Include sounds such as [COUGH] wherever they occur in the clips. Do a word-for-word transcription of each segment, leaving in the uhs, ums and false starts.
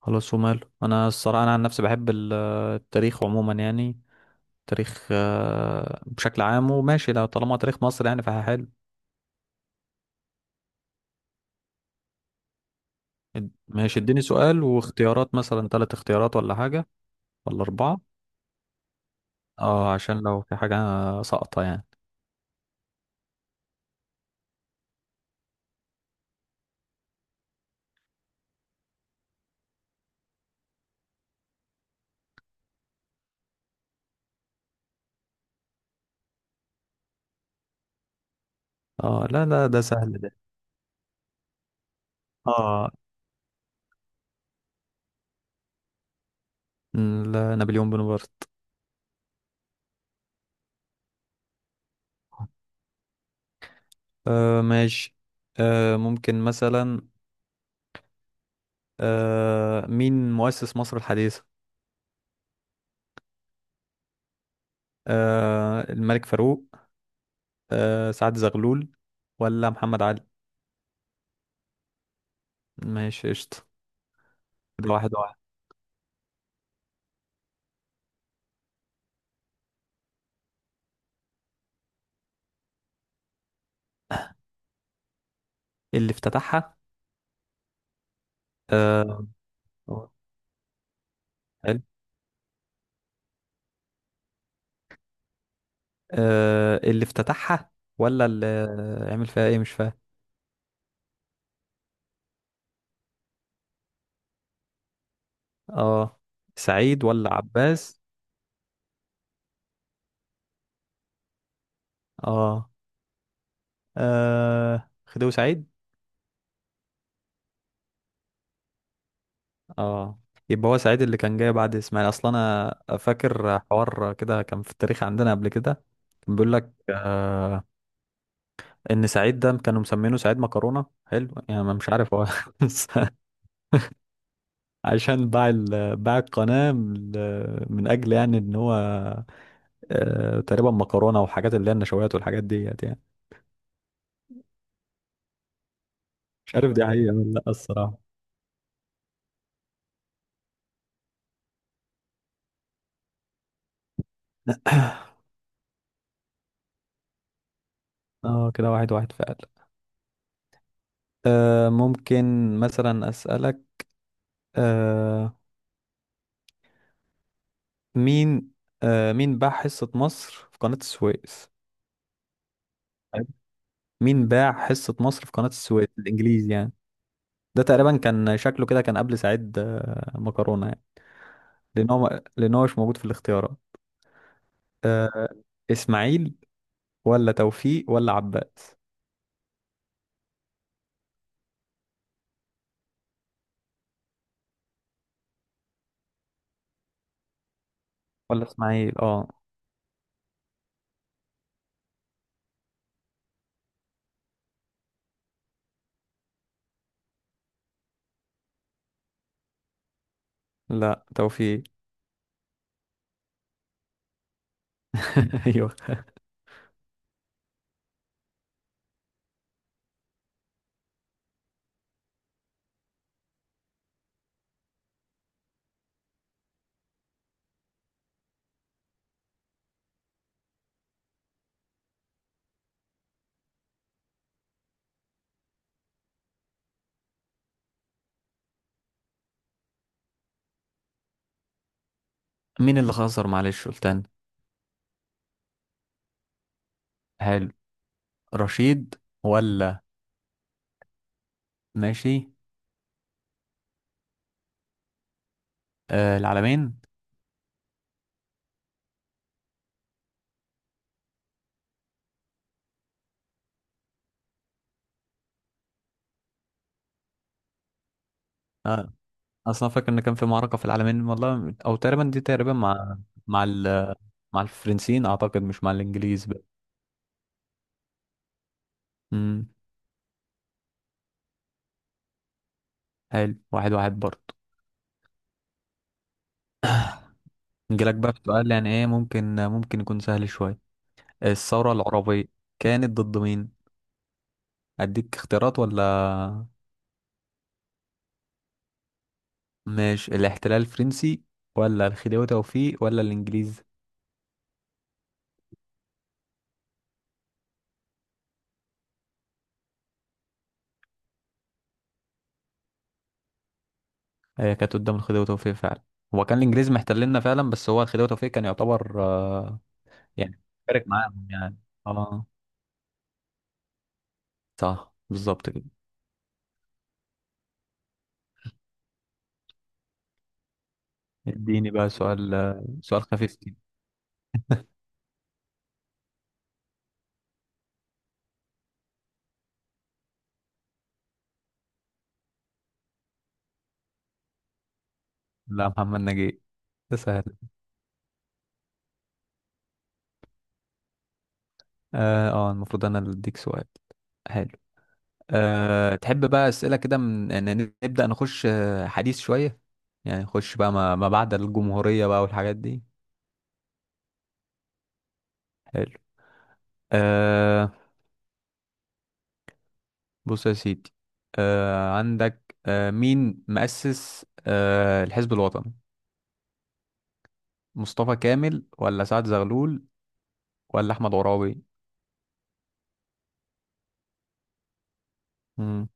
خلاص وماله. انا الصراحه، انا عن نفسي بحب ال- التاريخ عموما يعني. تاريخ آه، بشكل عام. وماشي، لو طالما تاريخ مصر يعني فحلو. اد- ماشي، اديني سؤال واختيارات، مثلا ثلاث اختيارات ولا حاجه، ولا اربعه، اه عشان لو في حاجه ساقطه يعني. اه، لا لا، ده سهل ده. اه م، لا، نابليون بونابرت. آه ماشي. آه ممكن مثلا، آه مين مؤسس مصر الحديثه؟ آه الملك فاروق، آه سعد زغلول، ولا محمد علي؟ ماشي قشطة. كده واحد واحد. اللي افتتحها. آه حلو. آه اللي افتتحها ولا اللي عمل فيها ايه؟ مش فاهم. اه، سعيد ولا عباس؟ اه, آه. خديوي سعيد. اه، يبقى هو سعيد اللي كان جاي بعد اسماعيل. اصلا انا فاكر حوار كده كان في التاريخ عندنا قبل كده. كان بيقول لك آه ان سعيد ده كانوا مسمينه سعيد مكرونه، حلو يعني. أنا مش عارف هو. [LAUGHS] عشان باع ال- باع القناة ل- من أجل يعني إن هو آه، تقريبا مكرونة، وحاجات اللي هي النشويات والحاجات ديت يعني. مش عارف دي تمام حقيقة ولا لأ الصراحة. اه، كده واحد واحد فعلا. آه ممكن مثلا أسألك، آه مين آه مين باع حصة مصر في قناة السويس؟ حلو. مين باع حصة مصر في قناة السويس الإنجليزي يعني؟ ده تقريبا كان شكله كده، كان قبل سعيد آه، مكرونة يعني. لأن هو لأن هو مش موجود في الاختيارات. آه، إسماعيل، ولا توفيق، ولا عباس، ولا اسماعيل. اه، لا، توفيق. [LAUGHS] ايوه. مين اللي خسر؟ معلش، قلت انا. حلو. رشيد، ولا؟ ماشي. آه العالمين. آه. اصلا فاكر ان كان في معركة في العالمين، والله، او تقريبا دي تقريبا مع مع ال... مع الفرنسيين اعتقد، مش مع الانجليز بقى. امم حلو، واحد واحد برضه. نجيلك بقى في سؤال يعني، ايه ممكن ممكن يكون سهل شوية. الثورة العربية كانت ضد مين؟ اديك اختيارات ولا؟ ماشي. الاحتلال الفرنسي، ولا الخديوي توفيق، ولا الانجليز؟ هي كانت قدام الخديوي توفيق فعلا. هو كان الانجليز محتليننا فعلا، بس هو الخديوي توفيق كان يعتبر آه، يعني فارق معاهم يعني. اه، صح بالظبط كده. اديني بقى سؤال، آه، سؤال خفيف كده. لا، محمد نجيب. ده سهل. اه آه، المفروض انا اللي اديك سؤال. حلو. أه تحب بقى اسئله كده؟ من إن نبدا نخش آه، حديث شويه، يعني نخش بقى ما ما بعد الجمهوريه بقى والحاجات دي. حلو. أه بص يا سيدي. آه عندك، آه مين مؤسس آه الحزب الوطني؟ مصطفى كامل، ولا سعد زغلول، ولا احمد عرابي؟ امم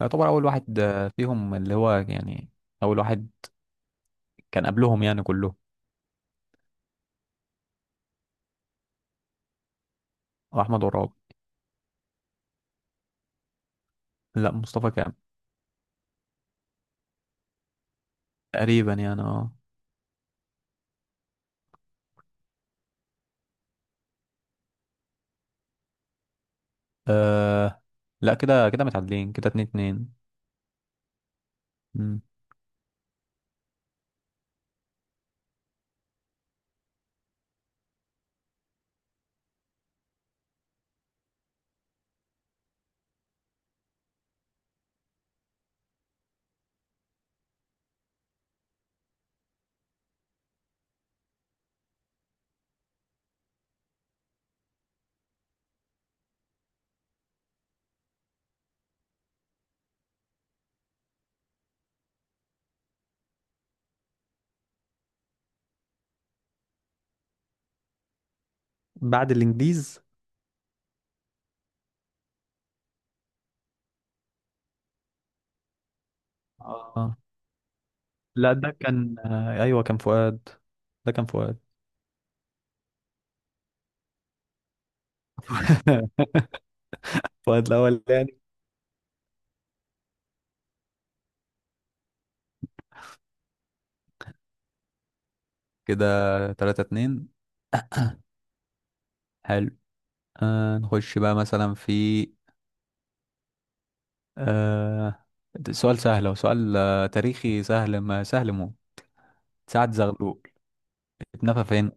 يعتبر اول واحد آه، فيهم، اللي هو يعني اول واحد كان قبلهم يعني كلهم. هو احمد عرابي. لا، مصطفى كامل. تقريبا يعني. اه، آه، لا، كده كده متعادلين، كده اتنين اتنين. مم. بعد الانجليز. اه لا، ده كان آه ايوه، كان فؤاد. ده كان فؤاد. [LAUGHS] فؤاد الاول. كده تلاتة اتنين. حلو. آه نخش بقى مثلا في، آه ده سؤال سهل. هو سؤال آه، تاريخي سهل، ما سهل مو. سعد زغلول اتنفى فين؟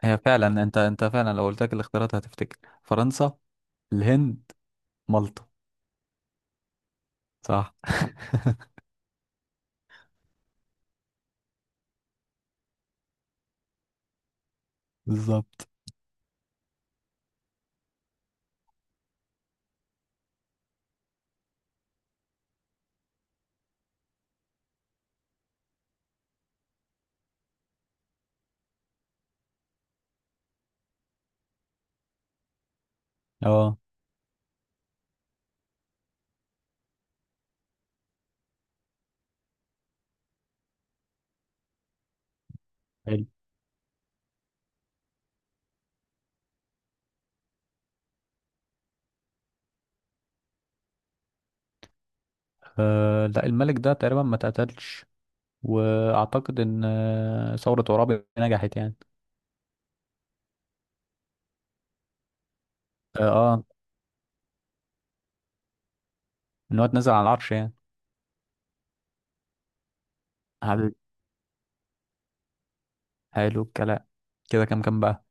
هي فعلا، انت انت فعلا لو قلت لك الاختيارات هتفتكر. فرنسا، الهند، مالطا. صح. [LAUGHS] بالظبط. اه، حلو. آه لا، الملك ده تقريبا ما اتقتلش. واعتقد ان آه، ثورة عرابي نجحت يعني. اه، آه، ان هو اتنزل على العرش يعني. حبيبي، حلو الكلام. كده كام كام بقى؟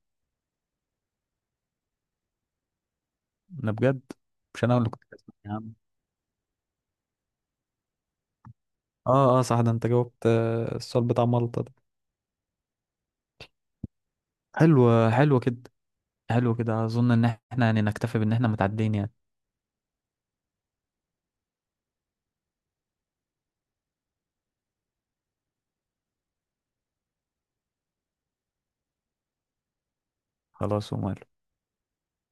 انا بجد. مش انا اللي كنت كسبان يا عم. اه اه، صح، ده انت جاوبت آه، السؤال بتاع مالطا ده. حلو حلو كده. حلو كده، اظن ان احنا يعني نكتفي بان احنا متعدين يعني. خلاص ومال.